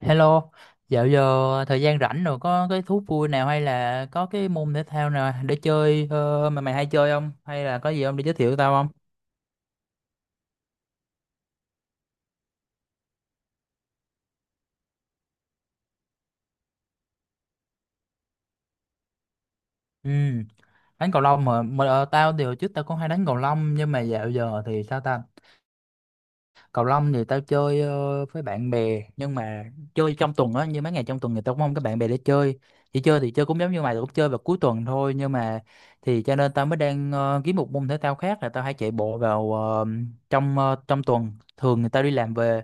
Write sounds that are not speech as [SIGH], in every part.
Hello, dạo giờ thời gian rảnh rồi có cái thú vui nào hay là có cái môn thể thao nào để chơi mà mày hay chơi không? Hay là có gì không để giới thiệu tao không? Ừ, đánh cầu lông mà tao thì hồi trước tao cũng hay đánh cầu lông nhưng mà dạo giờ thì sao ta. Cầu lông thì tao chơi với bạn bè nhưng mà chơi trong tuần á, như mấy ngày trong tuần thì tao cũng không có bạn bè để chơi, chỉ chơi thì chơi cũng giống như mày, tao cũng chơi vào cuối tuần thôi. Nhưng mà thì cho nên tao mới đang kiếm một môn thể thao khác là tao hay chạy bộ vào trong tuần. Thường thì tao đi làm về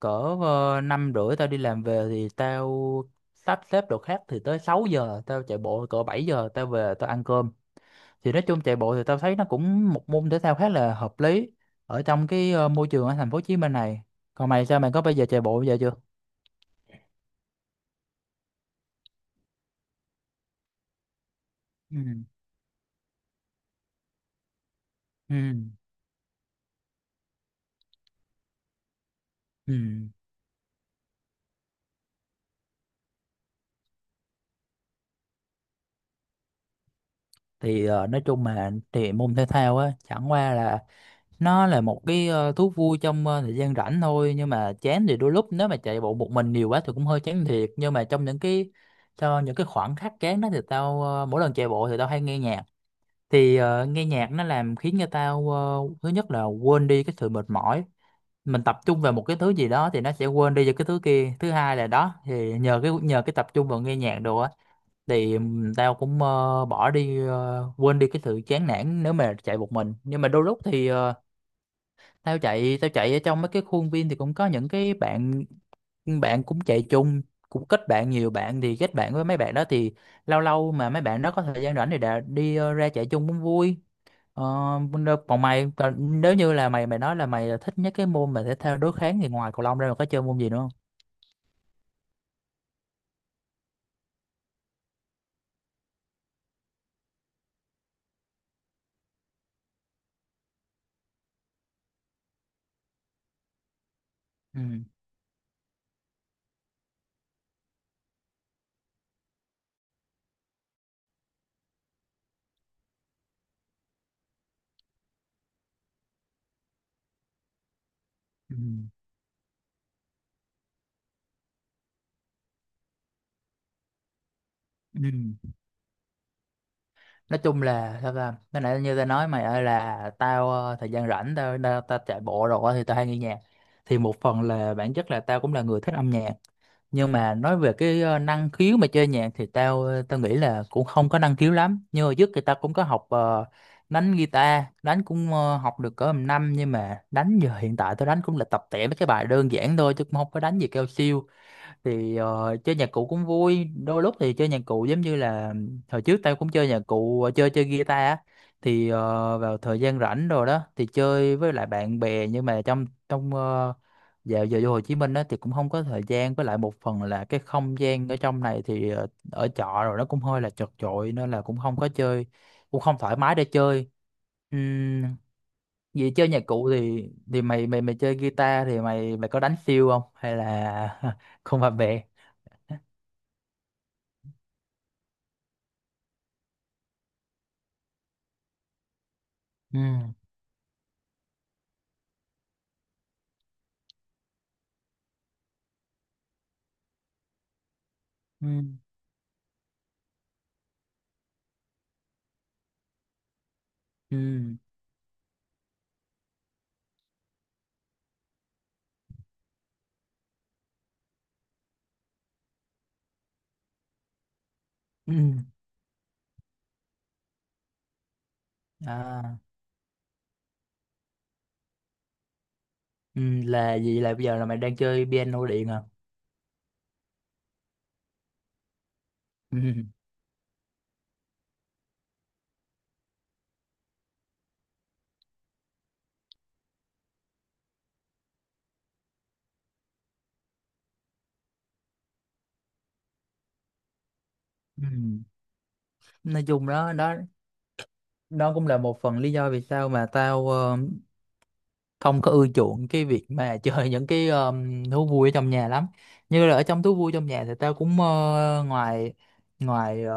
cỡ 5h30, tao đi làm về thì tao sắp xếp đồ khác thì tới 6 giờ tao chạy bộ, cỡ 7 giờ tao về tao ăn cơm. Thì nói chung chạy bộ thì tao thấy nó cũng một môn thể thao khá là hợp lý ở trong cái môi trường ở thành phố Hồ Chí Minh này. Còn mày sao, mày có bây giờ chạy bộ bây giờ chưa? Ừ. Ừ. Ừ, thì nói chung mà thì môn thể thao á chẳng qua là nó là một cái thú vui trong thời gian rảnh thôi. Nhưng mà chán thì đôi lúc nếu mà chạy bộ một mình nhiều quá thì cũng hơi chán thiệt, nhưng mà trong những cái, khoảng khắc chán đó thì tao mỗi lần chạy bộ thì tao hay nghe nhạc. Thì nghe nhạc nó làm khiến người ta thứ nhất là quên đi cái sự mệt mỏi, mình tập trung vào một cái thứ gì đó thì nó sẽ quên đi về cái thứ kia. Thứ hai là đó thì nhờ cái, tập trung vào nghe nhạc đồ á, thì tao cũng bỏ đi quên đi cái sự chán nản nếu mà chạy một mình. Nhưng mà đôi lúc thì tao chạy ở trong mấy cái khuôn viên thì cũng có những cái bạn, cũng chạy chung, cũng kết bạn nhiều bạn, thì kết bạn với mấy bạn đó thì lâu lâu mà mấy bạn đó có thời gian rảnh thì đã đi ra chạy chung cũng vui. Ờ, Còn mày, còn nếu như là mày, nói là mày thích nhất cái môn mà thể thao đối kháng thì ngoài cầu lông ra mày có chơi môn gì nữa không? Ừ. Ừ. Ừ. Nói chung là sao ta, cái nãy như tao nói mày ơi là tao thời gian rảnh tao tao, tao chạy bộ rồi á, thì tao hay nghe nhạc. Thì một phần là bản chất là tao cũng là người thích âm nhạc, nhưng mà nói về cái năng khiếu mà chơi nhạc thì tao nghĩ là cũng không có năng khiếu lắm. Nhưng mà trước thì tao cũng có học đánh guitar, đánh cũng học được cỡ một năm, nhưng mà đánh giờ hiện tại tao đánh cũng là tập tẻ mấy cái bài đơn giản thôi chứ cũng không có đánh gì cao siêu. Thì chơi nhạc cụ cũng vui, đôi lúc thì chơi nhạc cụ giống như là hồi trước tao cũng chơi nhạc cụ, chơi chơi guitar á. Thì vào thời gian rảnh rồi đó thì chơi với lại bạn bè, nhưng mà trong trong ờ, dạo giờ vô Hồ Chí Minh đó thì cũng không có thời gian, với lại một phần là cái không gian ở trong này thì ở trọ rồi nó cũng hơi là chật chội nên là cũng không có chơi, cũng không thoải mái để chơi. Ừm, Vậy chơi nhạc cụ thì mày mày mày chơi guitar thì mày mày có đánh siêu không hay là [LAUGHS] không hợp bè. Ừ. Ừ. Ừ. Ừ. À. Ừ. Là gì, là bây giờ là mày đang chơi piano điện à? Ừ. Ừ, nói chung đó, đó cũng là một phần lý do vì sao mà tao không có ưa chuộng cái việc mà [LAUGHS] chơi những cái thú vui ở trong nhà lắm. Như là ở trong thú vui trong nhà thì tao cũng ngoài, ngoài ờ,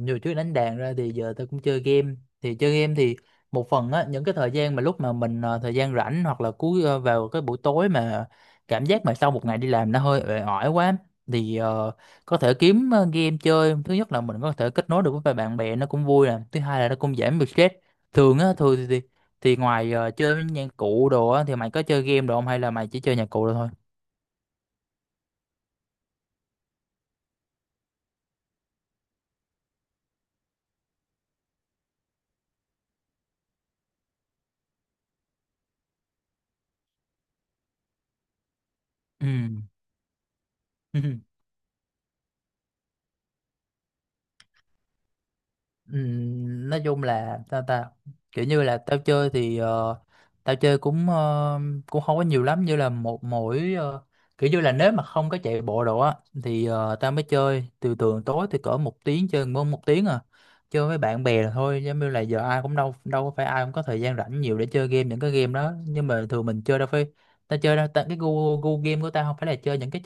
nhiều chuyện đánh đàn ra thì giờ tao cũng chơi game. Thì chơi game thì một phần á, những cái thời gian mà lúc mà mình thời gian rảnh hoặc là cuối vào cái buổi tối mà cảm giác mà sau một ngày đi làm nó hơi uể oải quá, thì có thể kiếm game chơi, thứ nhất là mình có thể kết nối được với bạn bè nó cũng vui nè, thứ hai là nó cũng giảm được stress. Thường á thường thì ngoài chơi với nhạc cụ đồ á thì mày có chơi game đồ không hay là mày chỉ chơi nhạc cụ đồ thôi? Ừ. [LAUGHS] Nói chung là tao ta, kiểu như là tao chơi thì tao chơi cũng cũng không có nhiều lắm, như là một mỗi kiểu như là nếu mà không có chạy bộ đồ á thì tao mới chơi từ thường tối thì cỡ một tiếng chơi, mỗi một tiếng à, chơi với bạn bè là thôi. Giống như là giờ ai cũng đâu, đâu có phải ai cũng có thời gian rảnh nhiều để chơi game, những cái game đó nhưng mà thường mình chơi đâu phải, tao chơi đâu ta, cái gu gu game của tao không phải là chơi những cái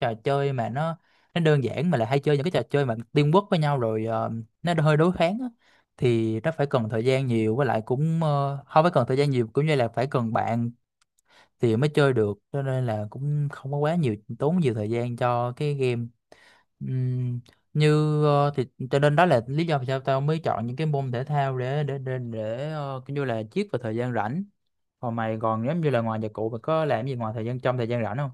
trò chơi mà nó đơn giản, mà lại hay chơi những cái trò chơi mà teamwork với nhau rồi, nó hơi đối kháng á, thì nó phải cần thời gian nhiều, với lại cũng không phải cần thời gian nhiều cũng như là phải cần bạn thì mới chơi được, cho nên là cũng không có quá nhiều, tốn nhiều thời gian cho cái game. Ừm, thì cho nên đó là lý do vì sao tao mới chọn những cái môn thể thao để, để kiểu như là chiết vào thời gian rảnh. Còn mày, còn giống như là ngoài nhạc cụ mày có làm gì ngoài thời gian, trong thời gian rảnh không?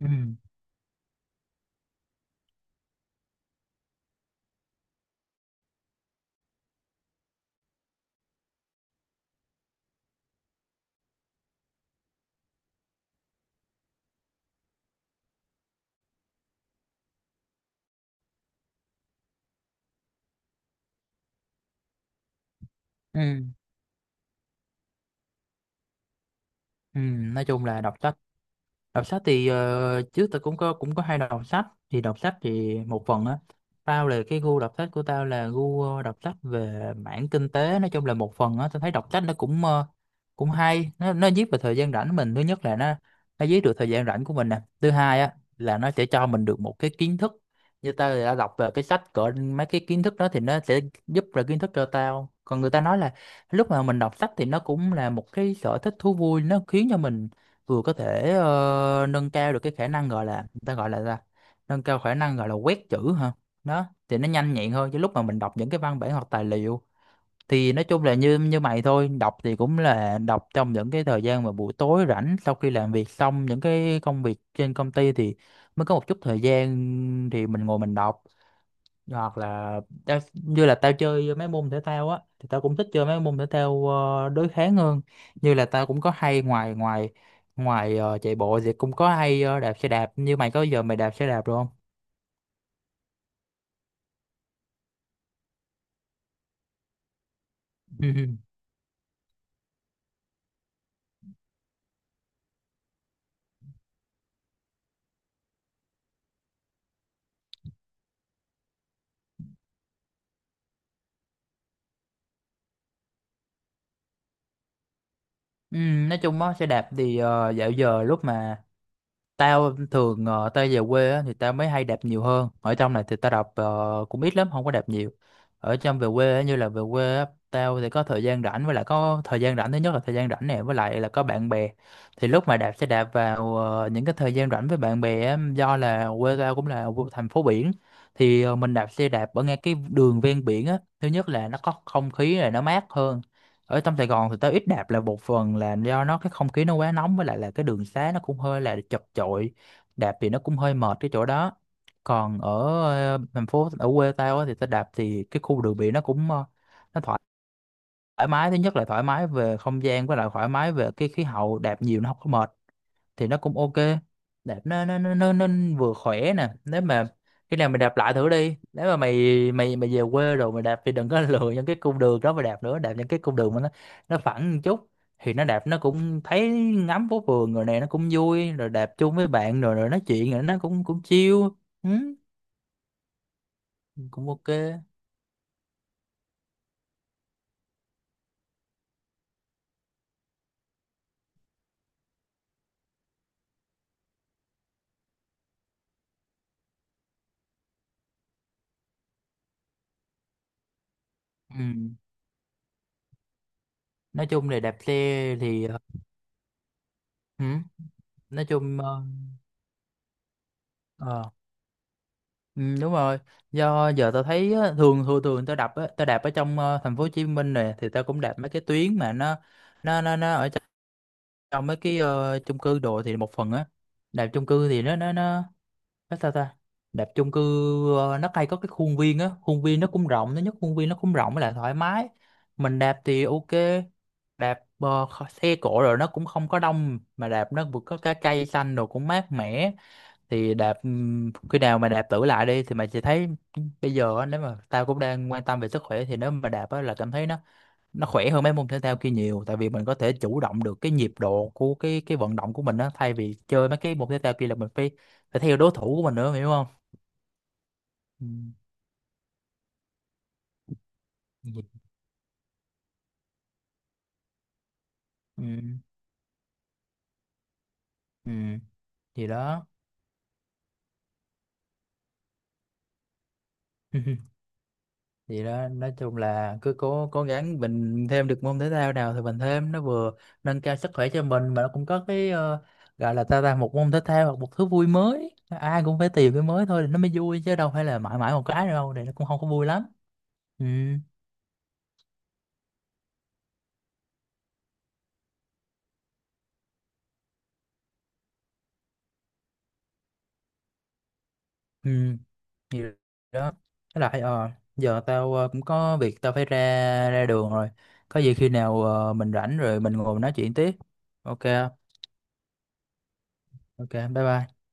Ừ. Ừ. Ừ, nói chung là đọc sách. Đọc sách thì trước tôi cũng có, hay đọc sách. Thì đọc sách thì một phần á, tao là cái gu đọc sách của tao là gu đọc sách về mảng kinh tế. Nói chung là một phần á tao thấy đọc sách nó cũng cũng hay, nó giết vào thời gian rảnh mình, thứ nhất là nó giết được thời gian rảnh của mình nè, thứ hai á là nó sẽ cho mình được một cái kiến thức. Như tao thì đã đọc về cái sách cỡ mấy cái kiến thức đó thì nó sẽ giúp là kiến thức cho tao, còn người ta nói là lúc mà mình đọc sách thì nó cũng là một cái sở thích thú vui, nó khiến cho mình vừa có thể nâng cao được cái khả năng gọi là, người ta gọi là ra, nâng cao khả năng gọi là quét chữ hả, đó thì nó nhanh nhẹn hơn chứ lúc mà mình đọc những cái văn bản hoặc tài liệu. Thì nói chung là như như mày thôi, đọc thì cũng là đọc trong những cái thời gian mà buổi tối rảnh sau khi làm việc xong những cái công việc trên công ty thì mới có một chút thời gian thì mình ngồi mình đọc. Hoặc là tao, như là tao chơi mấy môn thể thao á thì tao cũng thích chơi mấy môn thể thao đối kháng hơn, như là tao cũng có hay ngoài, ngoài ngoài ờ, chạy bộ thì cũng có hay đạp xe đạp, như mày có giờ mày đạp xe đạp được không? [LAUGHS] Ừ, ừ. Ừ, nói chung á xe đạp thì dạo giờ lúc mà tao thường tao về quê á, thì tao mới hay đạp nhiều hơn ở trong này thì tao đạp cũng ít lắm, không có đạp nhiều ở trong về quê á, như là về quê á, tao thì có thời gian rảnh với lại có thời gian rảnh thứ nhất là thời gian rảnh nè với lại là có bạn bè thì lúc mà đạp sẽ đạp vào những cái thời gian rảnh với bạn bè á, do là quê tao cũng là thành phố biển. Thì mình đạp xe đạp ở ngay cái đường ven biển á, thứ nhất là nó có không khí là nó mát hơn. Ở trong Sài Gòn thì tao ít đạp là một phần là do nó cái không khí nó quá nóng với lại là cái đường xá nó cũng hơi là chật chội, đạp thì nó cũng hơi mệt cái chỗ đó. Còn ở thành phố ở quê tao á, thì tao đạp thì cái khu đường biển nó cũng nó thoải thoải mái, thứ nhất là thoải mái về không gian với lại thoải mái về cái khí hậu, đạp nhiều nó không có mệt thì nó cũng ok. Đạp nó vừa khỏe nè, nếu mà khi nào mày đạp lại thử đi, nếu mà mày mày mày về quê rồi mày đạp thì đừng có [LAUGHS] lựa những cái cung đường đó mà đạp nữa, đạp những cái cung đường mà nó phẳng một chút thì nó đạp nó cũng thấy ngắm phố phường rồi nè, nó cũng vui rồi, đạp chung với bạn rồi rồi nói chuyện rồi nó cũng cũng chill. Ừ, cũng ok. Ừ, nói chung là đạp xe thì ừ, nói chung ờ, ừ, đúng rồi. Do giờ tao thấy á, thường thường thường tao đạp á, tao đạp ở trong thành phố Hồ Chí Minh này thì tao cũng đạp mấy cái tuyến mà nó ở trong trong mấy cái chung cư đồ thì một phần á, đạp chung cư thì nó nó sao ta, đạp chung cư nó hay có cái khuôn viên á, khuôn viên nó cũng rộng, nó nhất khuôn viên nó cũng rộng với lại thoải mái, mình đạp thì ok. Đạp xe cộ rồi nó cũng không có đông mà đạp nó vừa có cái cây xanh đồ cũng mát mẻ, thì đạp khi nào mà đạp thử lại đi thì mày sẽ thấy. Bây giờ á, nếu mà tao cũng đang quan tâm về sức khỏe thì nếu mà đạp á là cảm thấy nó khỏe hơn mấy môn thể thao kia nhiều, tại vì mình có thể chủ động được cái nhịp độ của cái vận động của mình á, thay vì chơi mấy cái môn thể thao kia là mình phải phải theo đối thủ của mình nữa, mày hiểu không? Ừ. nhịp- ừ. Ừ. Gì đó. [LAUGHS] Vậy đó, nói chung là cứ cố cố gắng mình thêm được môn thể thao nào thì mình thêm, nó vừa nâng cao sức khỏe cho mình mà nó cũng có cái gọi là ta ta một môn thể thao hoặc một thứ vui mới, ai cũng phải tìm cái mới thôi thì nó mới vui, chứ đâu phải là mãi mãi một cái đâu thì nó cũng không có vui lắm. Ừ. Ừ thì đó. Với lại giờ tao cũng có việc tao phải ra ra đường rồi, có gì khi nào mình rảnh rồi mình ngồi mình nói chuyện tiếp, ok không? Ok, bye bye.